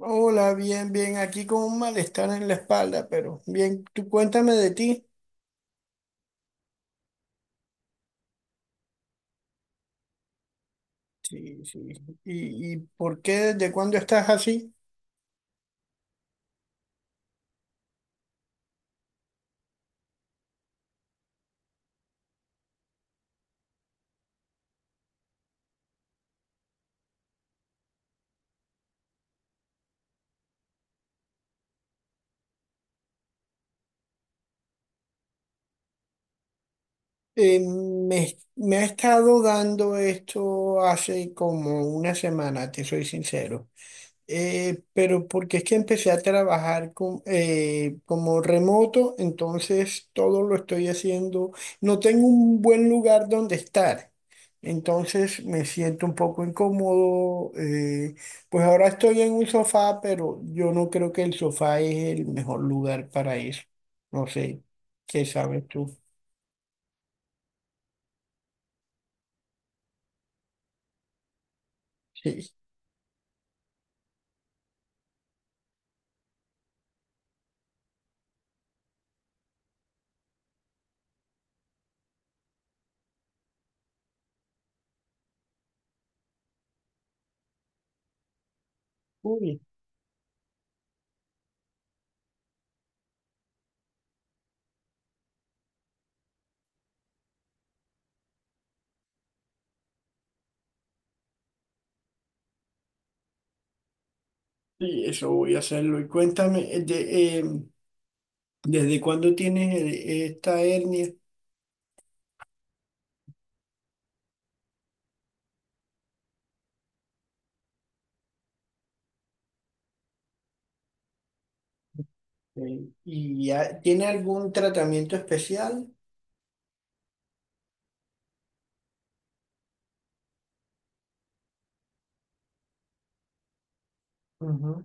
Hola, bien, bien, aquí con un malestar en la espalda, pero bien, tú cuéntame de ti. Sí, sí. ¿Y, por qué, desde cuándo estás así? Me ha estado dando esto hace como una semana, te soy sincero. Pero porque es que empecé a trabajar con, como remoto, entonces todo lo estoy haciendo. No tengo un buen lugar donde estar, entonces me siento un poco incómodo. Pues ahora estoy en un sofá, pero yo no creo que el sofá es el mejor lugar para eso. No sé, ¿qué sabes tú? Sí. Uy, sí, eso voy a hacerlo. Y cuéntame, ¿desde cuándo tienes esta hernia? Sí. ¿Y ya tiene algún tratamiento especial? Ujú.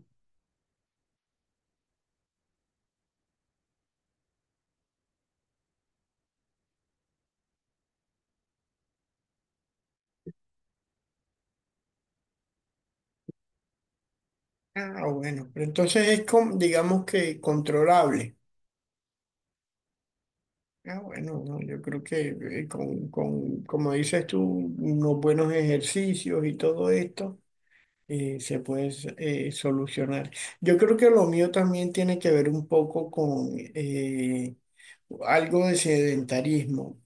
Ah, bueno, pero entonces es, con, digamos que controlable. Ah, bueno, no, yo creo que con, como dices tú, unos buenos ejercicios y todo esto se puede solucionar. Yo creo que lo mío también tiene que ver un poco con algo de sedentarismo.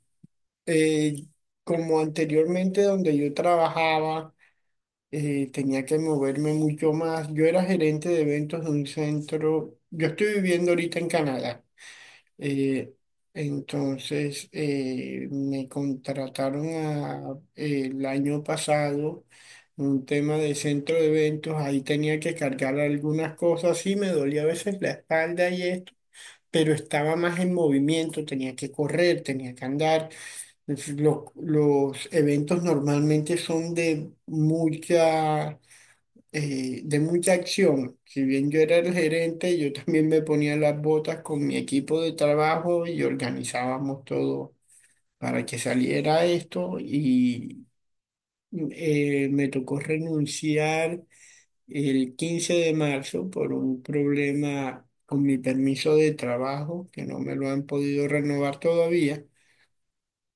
Eh, Como anteriormente donde yo trabajaba. Tenía que moverme mucho más. Yo era gerente de eventos de un centro. Yo estoy viviendo ahorita en Canadá. eh, Me el año pasado un tema de centro de eventos. Ahí tenía que cargar algunas cosas y me dolía a veces la espalda y esto. Pero estaba más en movimiento, tenía que correr, tenía que andar. Los eventos normalmente son de mucha de mucha acción. Si bien yo era el gerente, yo también me ponía las botas con mi equipo de trabajo y organizábamos todo para que saliera esto y me tocó renunciar el 15 de marzo por un problema con mi permiso de trabajo que no me lo han podido renovar todavía.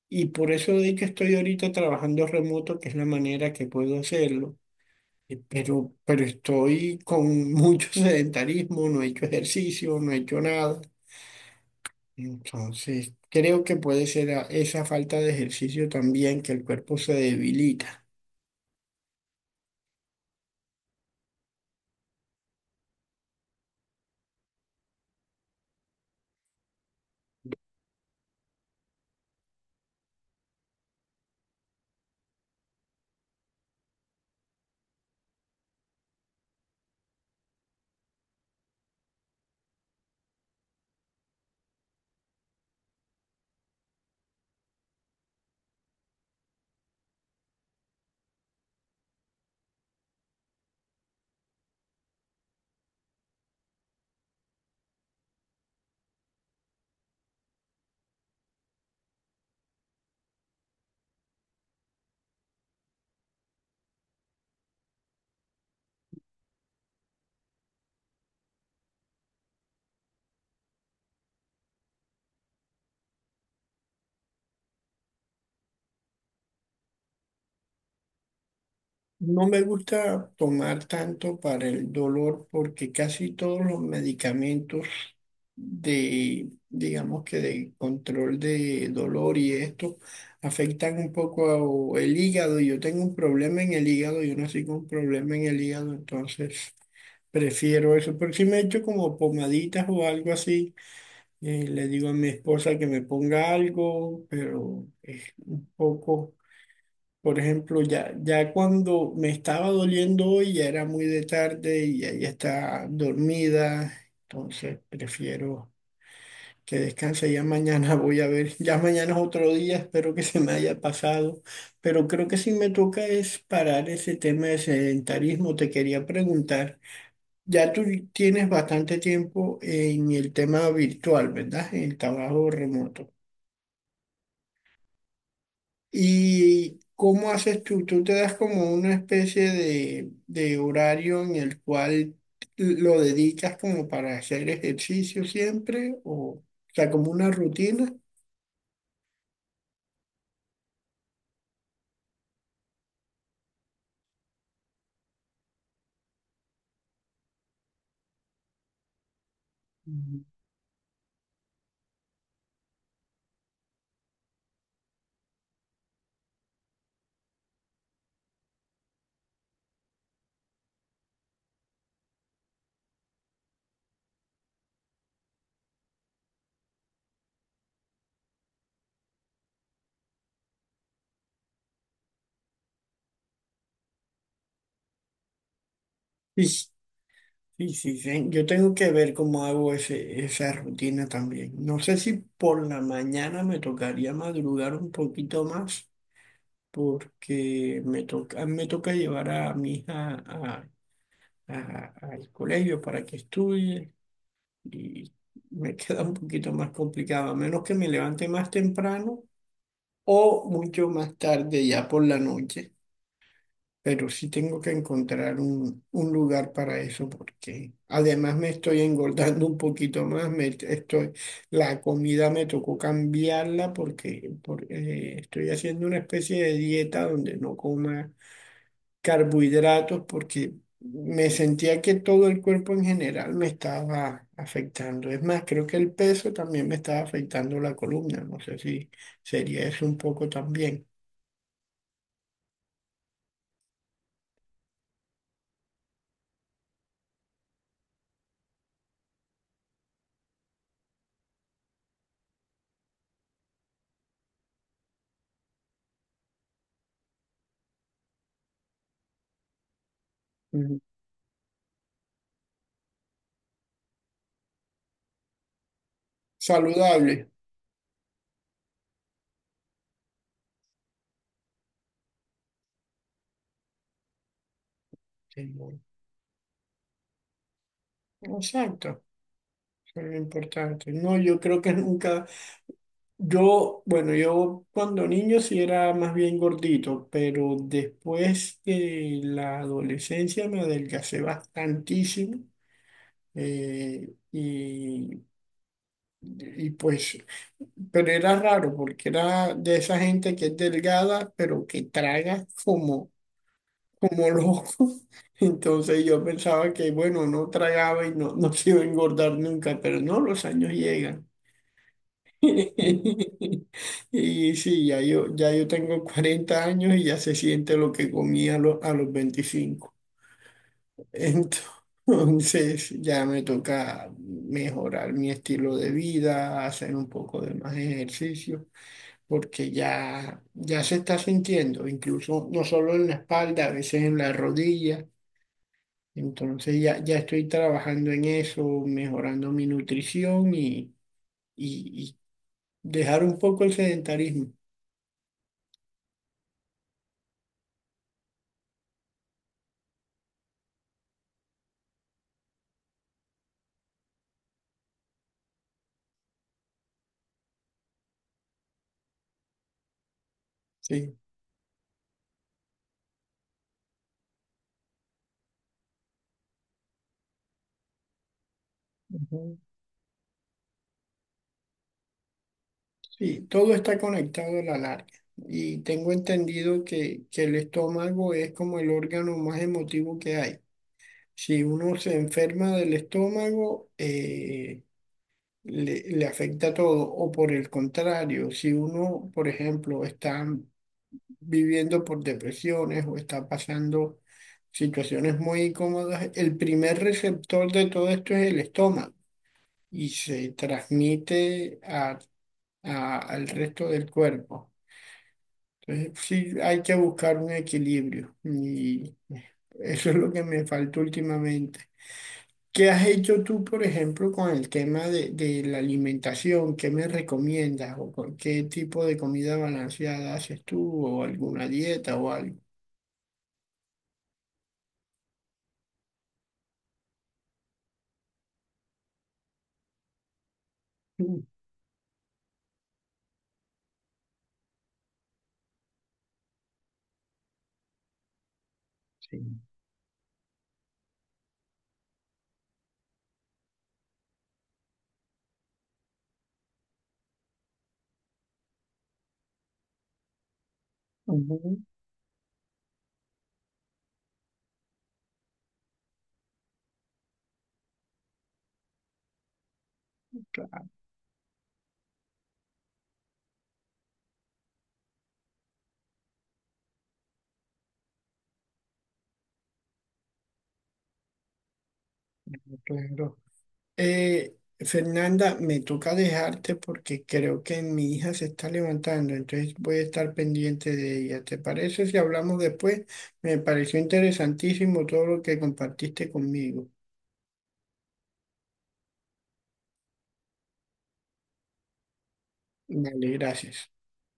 Y por eso de que estoy ahorita trabajando remoto, que es la manera que puedo hacerlo pero estoy con mucho sedentarismo, no he hecho ejercicio, no he hecho nada. Entonces, creo que puede ser esa falta de ejercicio también que el cuerpo se debilita. No me gusta tomar tanto para el dolor porque casi todos los medicamentos de, digamos que de control de dolor y esto afectan un poco el hígado. Yo tengo un problema en el hígado, yo nací con un problema en el hígado, entonces prefiero eso. Pero si me echo como pomaditas o algo así, le digo a mi esposa que me ponga algo, pero es un poco... Por ejemplo, ya, ya cuando me estaba doliendo hoy, ya era muy de tarde y ella está dormida, entonces prefiero que descanse. Ya mañana voy a ver, ya mañana es otro día, espero que se me haya pasado, pero creo que sí me toca es parar ese tema de sedentarismo. Te quería preguntar, ya tú tienes bastante tiempo en el tema virtual, ¿verdad? En el trabajo remoto. ¿Y cómo haces tú? ¿Tú te das como una especie de horario en el cual lo dedicas como para hacer ejercicio siempre? O sea, como una rutina? Ujú. Sí, sí, sí, sí. Yo tengo que ver cómo hago ese, esa rutina también. No sé si por la mañana me tocaría madrugar un poquito más porque me toca llevar a mi hija al colegio para que estudie. Y me queda un poquito más complicado, a menos que me levante más temprano o mucho más tarde, ya por la noche. Pero sí tengo que encontrar un lugar para eso porque además me estoy engordando un poquito más. Me estoy, la comida me tocó cambiarla porque estoy haciendo una especie de dieta donde no coma carbohidratos porque me sentía que todo el cuerpo en general me estaba afectando. Es más, creo que el peso también me estaba afectando la columna. No sé si sería eso un poco también. Ujú. Saludable. Sí, bueno. Exacto. Eso es lo importante. No, yo creo que nunca, yo, bueno, yo cuando niño sí era más bien gordito, pero después de la adolescencia me adelgacé bastantísimo. Eh, y pues, pero era raro porque era de esa gente que es delgada, pero que traga como, como loco. Entonces yo pensaba que, bueno, no tragaba y no, no se iba a engordar nunca, pero no, los años llegan. Y sí, ya yo tengo 40 años y ya se siente lo que a los 25. Entonces ya me toca mejorar mi estilo de vida, hacer un poco de más ejercicio. Porque ya, ya se está sintiendo, incluso no solo en la espalda, a veces en la rodilla. Entonces ya, ya estoy trabajando en eso, mejorando mi nutrición y dejar un poco el sedentarismo. Sí, Ujú. Sí, todo está conectado a la larga. Y tengo entendido que el estómago es como el órgano más emotivo que hay. Si uno se enferma del estómago, le afecta todo. O por el contrario, si uno, por ejemplo, está viviendo por depresiones o está pasando situaciones muy incómodas, el primer receptor de todo esto es el estómago y se transmite al resto del cuerpo. Entonces, sí, hay que buscar un equilibrio y eso es lo que me faltó últimamente. ¿Qué has hecho tú, por ejemplo, con el tema de la alimentación? ¿Qué me recomiendas? ¿O con qué tipo de comida balanceada haces tú? ¿O alguna dieta o algo? Mm, sí. Ujú, claro, claro. Fernanda, me toca dejarte porque creo que mi hija se está levantando, entonces voy a estar pendiente de ella. ¿Te parece si hablamos después? Me pareció interesantísimo todo lo que compartiste conmigo. Vale, gracias.